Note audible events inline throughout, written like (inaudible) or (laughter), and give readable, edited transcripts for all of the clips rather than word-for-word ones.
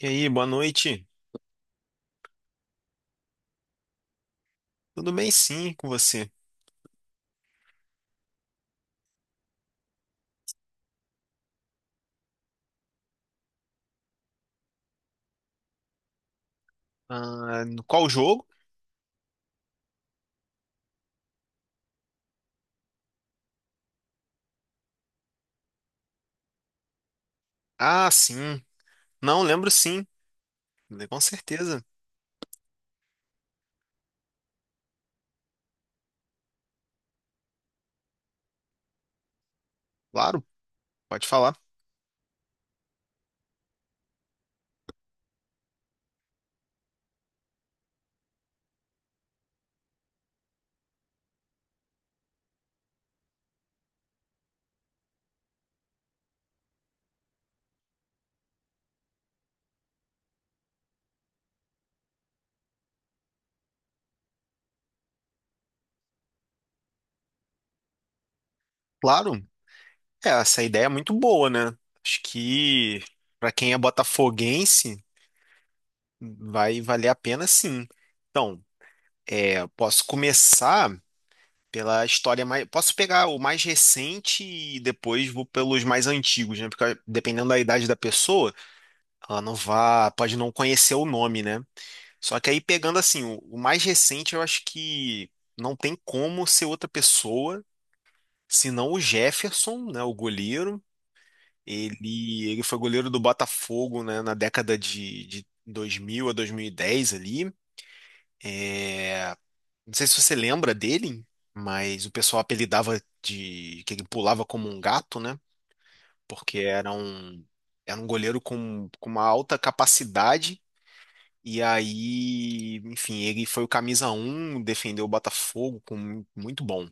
E aí, boa noite. Tudo bem, sim, com você? Ah, no qual jogo? Ah, sim. Não, lembro sim. Com certeza. Claro, pode falar. Claro. É, essa ideia é muito boa, né? Acho que para quem é botafoguense, vai valer a pena sim. Então, é, posso começar pela história mais. Posso pegar o mais recente e depois vou pelos mais antigos, né? Porque dependendo da idade da pessoa, ela não vá, pode não conhecer o nome, né? Só que aí pegando assim, o mais recente, eu acho que não tem como ser outra pessoa, senão o Jefferson, né, o goleiro. Ele foi goleiro do Botafogo, né, na década de 2000 a 2010 ali. Não sei se você lembra dele, mas o pessoal apelidava de que ele pulava como um gato, né? Porque era um goleiro com uma alta capacidade. E aí, enfim, ele foi o camisa um, defendeu o Botafogo com muito bom.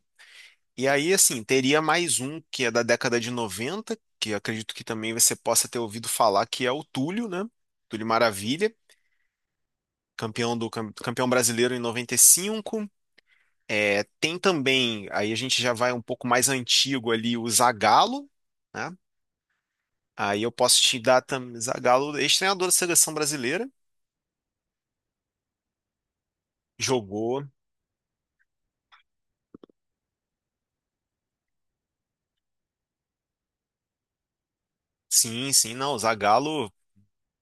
E aí, assim, teria mais um que é da década de 90 que acredito que também você possa ter ouvido falar, que é o Túlio, né? Túlio Maravilha, campeão do campeão brasileiro em 95. É, tem também, aí a gente já vai um pouco mais antigo ali, o Zagallo, né? Aí eu posso te dar também, Zagallo, ex-treinador da seleção brasileira, jogou. Sim, sim, não, o Zagallo,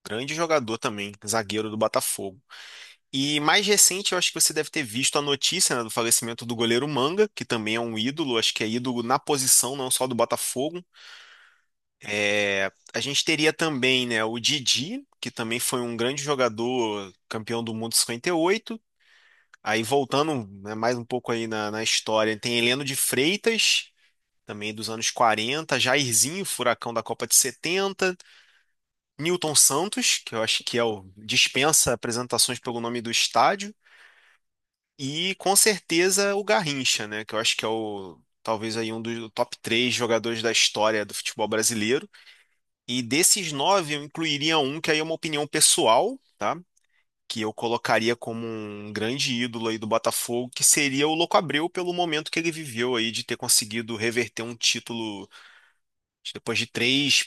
grande jogador também, zagueiro do Botafogo. E mais recente, eu acho que você deve ter visto a notícia, né, do falecimento do goleiro Manga, que também é um ídolo, acho que é ídolo na posição, não só do Botafogo. É, a gente teria também, né, o Didi, que também foi um grande jogador, campeão do mundo em 58. Aí voltando, né, mais um pouco aí na história, tem Heleno de Freitas, também dos anos 40, Jairzinho, furacão da Copa de 70. Newton Santos, que eu acho que é o dispensa apresentações pelo nome do estádio, e com certeza o Garrincha, né, que eu acho que é o talvez aí um dos top três jogadores da história do futebol brasileiro. E desses nove eu incluiria um que aí é uma opinião pessoal, tá? Que eu colocaria como um grande ídolo aí do Botafogo, que seria o Louco Abreu pelo momento que ele viveu aí de ter conseguido reverter um título depois de três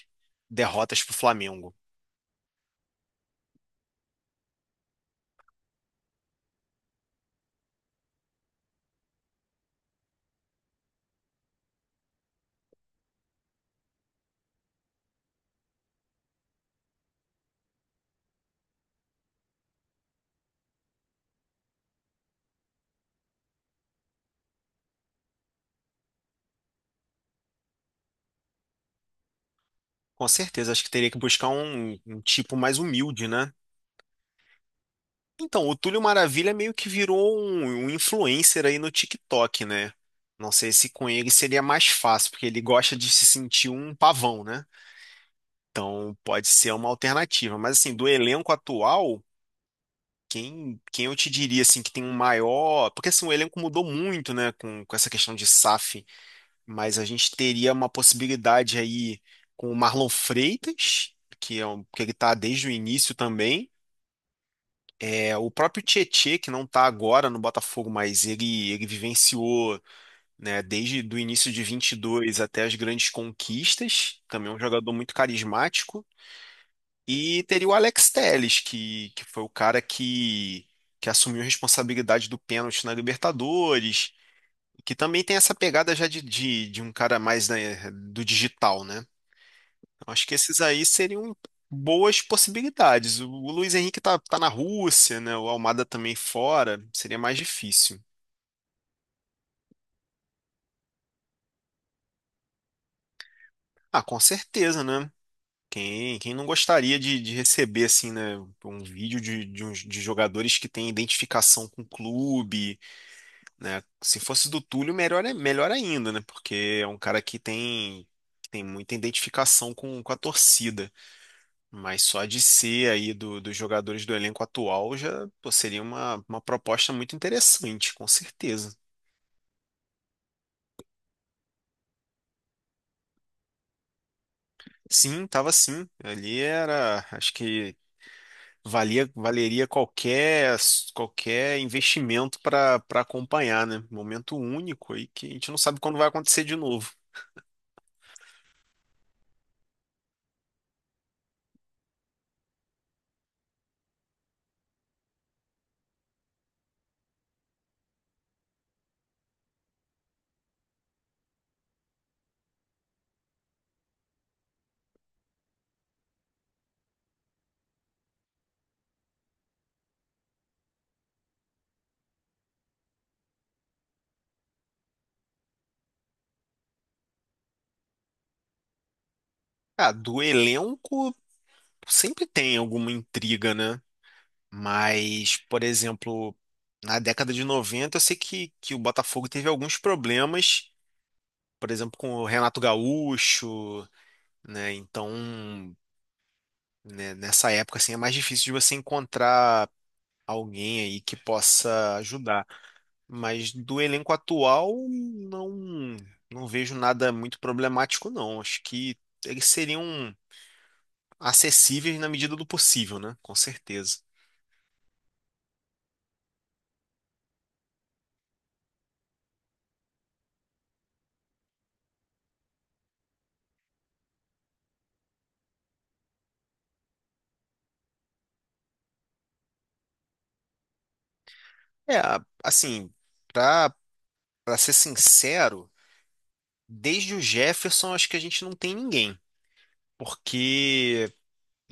derrotas para o Flamengo. Com certeza, acho que teria que buscar um tipo mais humilde, né? Então, o Túlio Maravilha meio que virou um influencer aí no TikTok, né? Não sei se com ele seria mais fácil, porque ele gosta de se sentir um pavão, né? Então, pode ser uma alternativa. Mas, assim, do elenco atual, quem eu te diria, assim, que tem um maior... Porque, assim, o elenco mudou muito, né? Com essa questão de SAF. Mas a gente teria uma possibilidade aí com o Marlon Freitas, que é um, que ele tá desde o início também. É, o próprio Tietê, que não está agora no Botafogo, mas ele vivenciou, né, desde do início de 22 até as grandes conquistas, também é um jogador muito carismático. E teria o Alex Telles, que foi o cara que assumiu a responsabilidade do pênalti na Libertadores, que também tem essa pegada já de um cara mais, né, do digital, né? Acho que esses aí seriam boas possibilidades. O Luiz Henrique tá, tá na Rússia, né? O Almada também fora. Seria mais difícil. Ah, com certeza, né? Quem não gostaria de receber, assim, né? Um vídeo de, de jogadores que têm identificação com o clube, né? Se fosse do Túlio, melhor, melhor ainda, né? Porque é um cara que tem muita identificação com a torcida. Mas só de ser aí dos jogadores do elenco atual já pô, seria uma proposta muito interessante, com certeza. Sim, tava sim. Ali era, acho que valia, valeria qualquer qualquer investimento para para acompanhar, né? Momento único aí que a gente não sabe quando vai acontecer de novo. Ah, do elenco sempre tem alguma intriga, né? Mas, por exemplo, na década de 90, eu sei que o Botafogo teve alguns problemas, por exemplo, com o Renato Gaúcho, né? Então, né, nessa época assim é mais difícil de você encontrar alguém aí que possa ajudar. Mas do elenco atual, não vejo nada muito problemático, não. Acho que eles seriam acessíveis na medida do possível, né? Com certeza. É, assim, pra, pra ser sincero, desde o Jefferson acho que a gente não tem ninguém. Porque,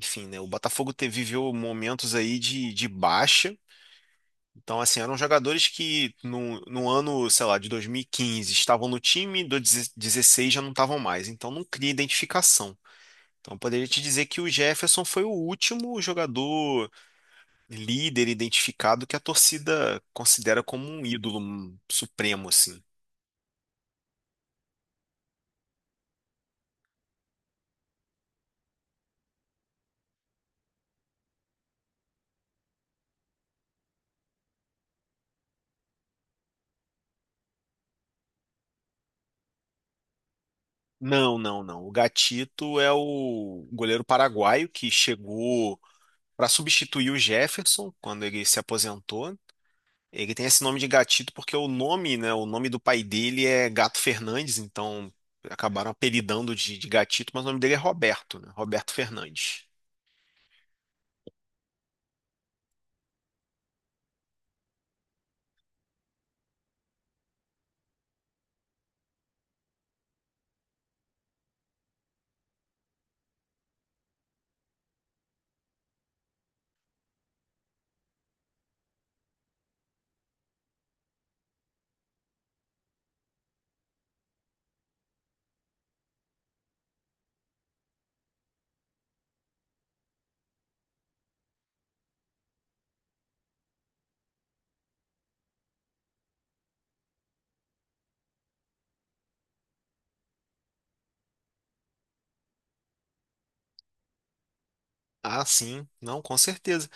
enfim, né? O Botafogo viveu momentos aí de baixa. Então, assim, eram jogadores que no ano, sei lá, de 2015 estavam no time, do 16 já não estavam mais. Então, não cria identificação. Então, eu poderia te dizer que o Jefferson foi o último jogador líder identificado que a torcida considera como um ídolo um supremo, assim. Não, não, não. O Gatito é o goleiro paraguaio que chegou para substituir o Jefferson quando ele se aposentou. Ele tem esse nome de gatito porque o nome, né, o nome do pai dele é Gato Fernandes, então acabaram apelidando de gatito, mas o nome dele é Roberto, né, Roberto Fernandes. Ah, sim, não, com certeza.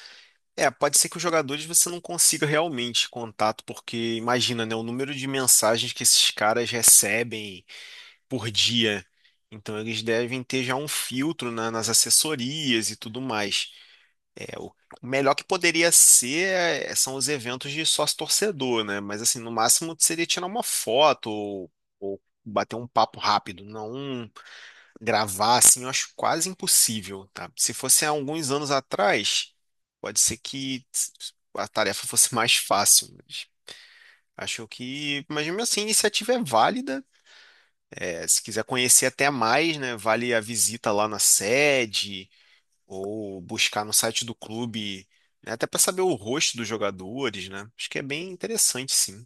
É, pode ser que os jogadores você não consiga realmente contato, porque imagina, né, o número de mensagens que esses caras recebem por dia. Então eles devem ter já um filtro, né, nas assessorias e tudo mais. É, o melhor que poderia ser é, são os eventos de sócio-torcedor, né? Mas assim, no máximo seria tirar uma foto ou bater um papo rápido, não um gravar assim, eu acho quase impossível, tá? Se fosse há alguns anos atrás, pode ser que a tarefa fosse (laughs) mais fácil, mas acho que, mas mesmo assim, a iniciativa é válida. É, se quiser conhecer até mais, né? Vale a visita lá na sede ou buscar no site do clube, né, até para saber o rosto dos jogadores, né? Acho que é bem interessante, sim.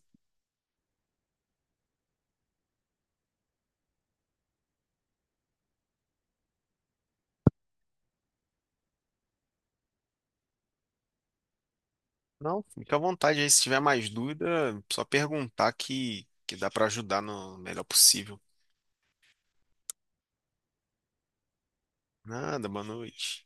Não, fica à vontade aí, se tiver mais dúvida, só perguntar que dá para ajudar no melhor possível. Nada, boa noite.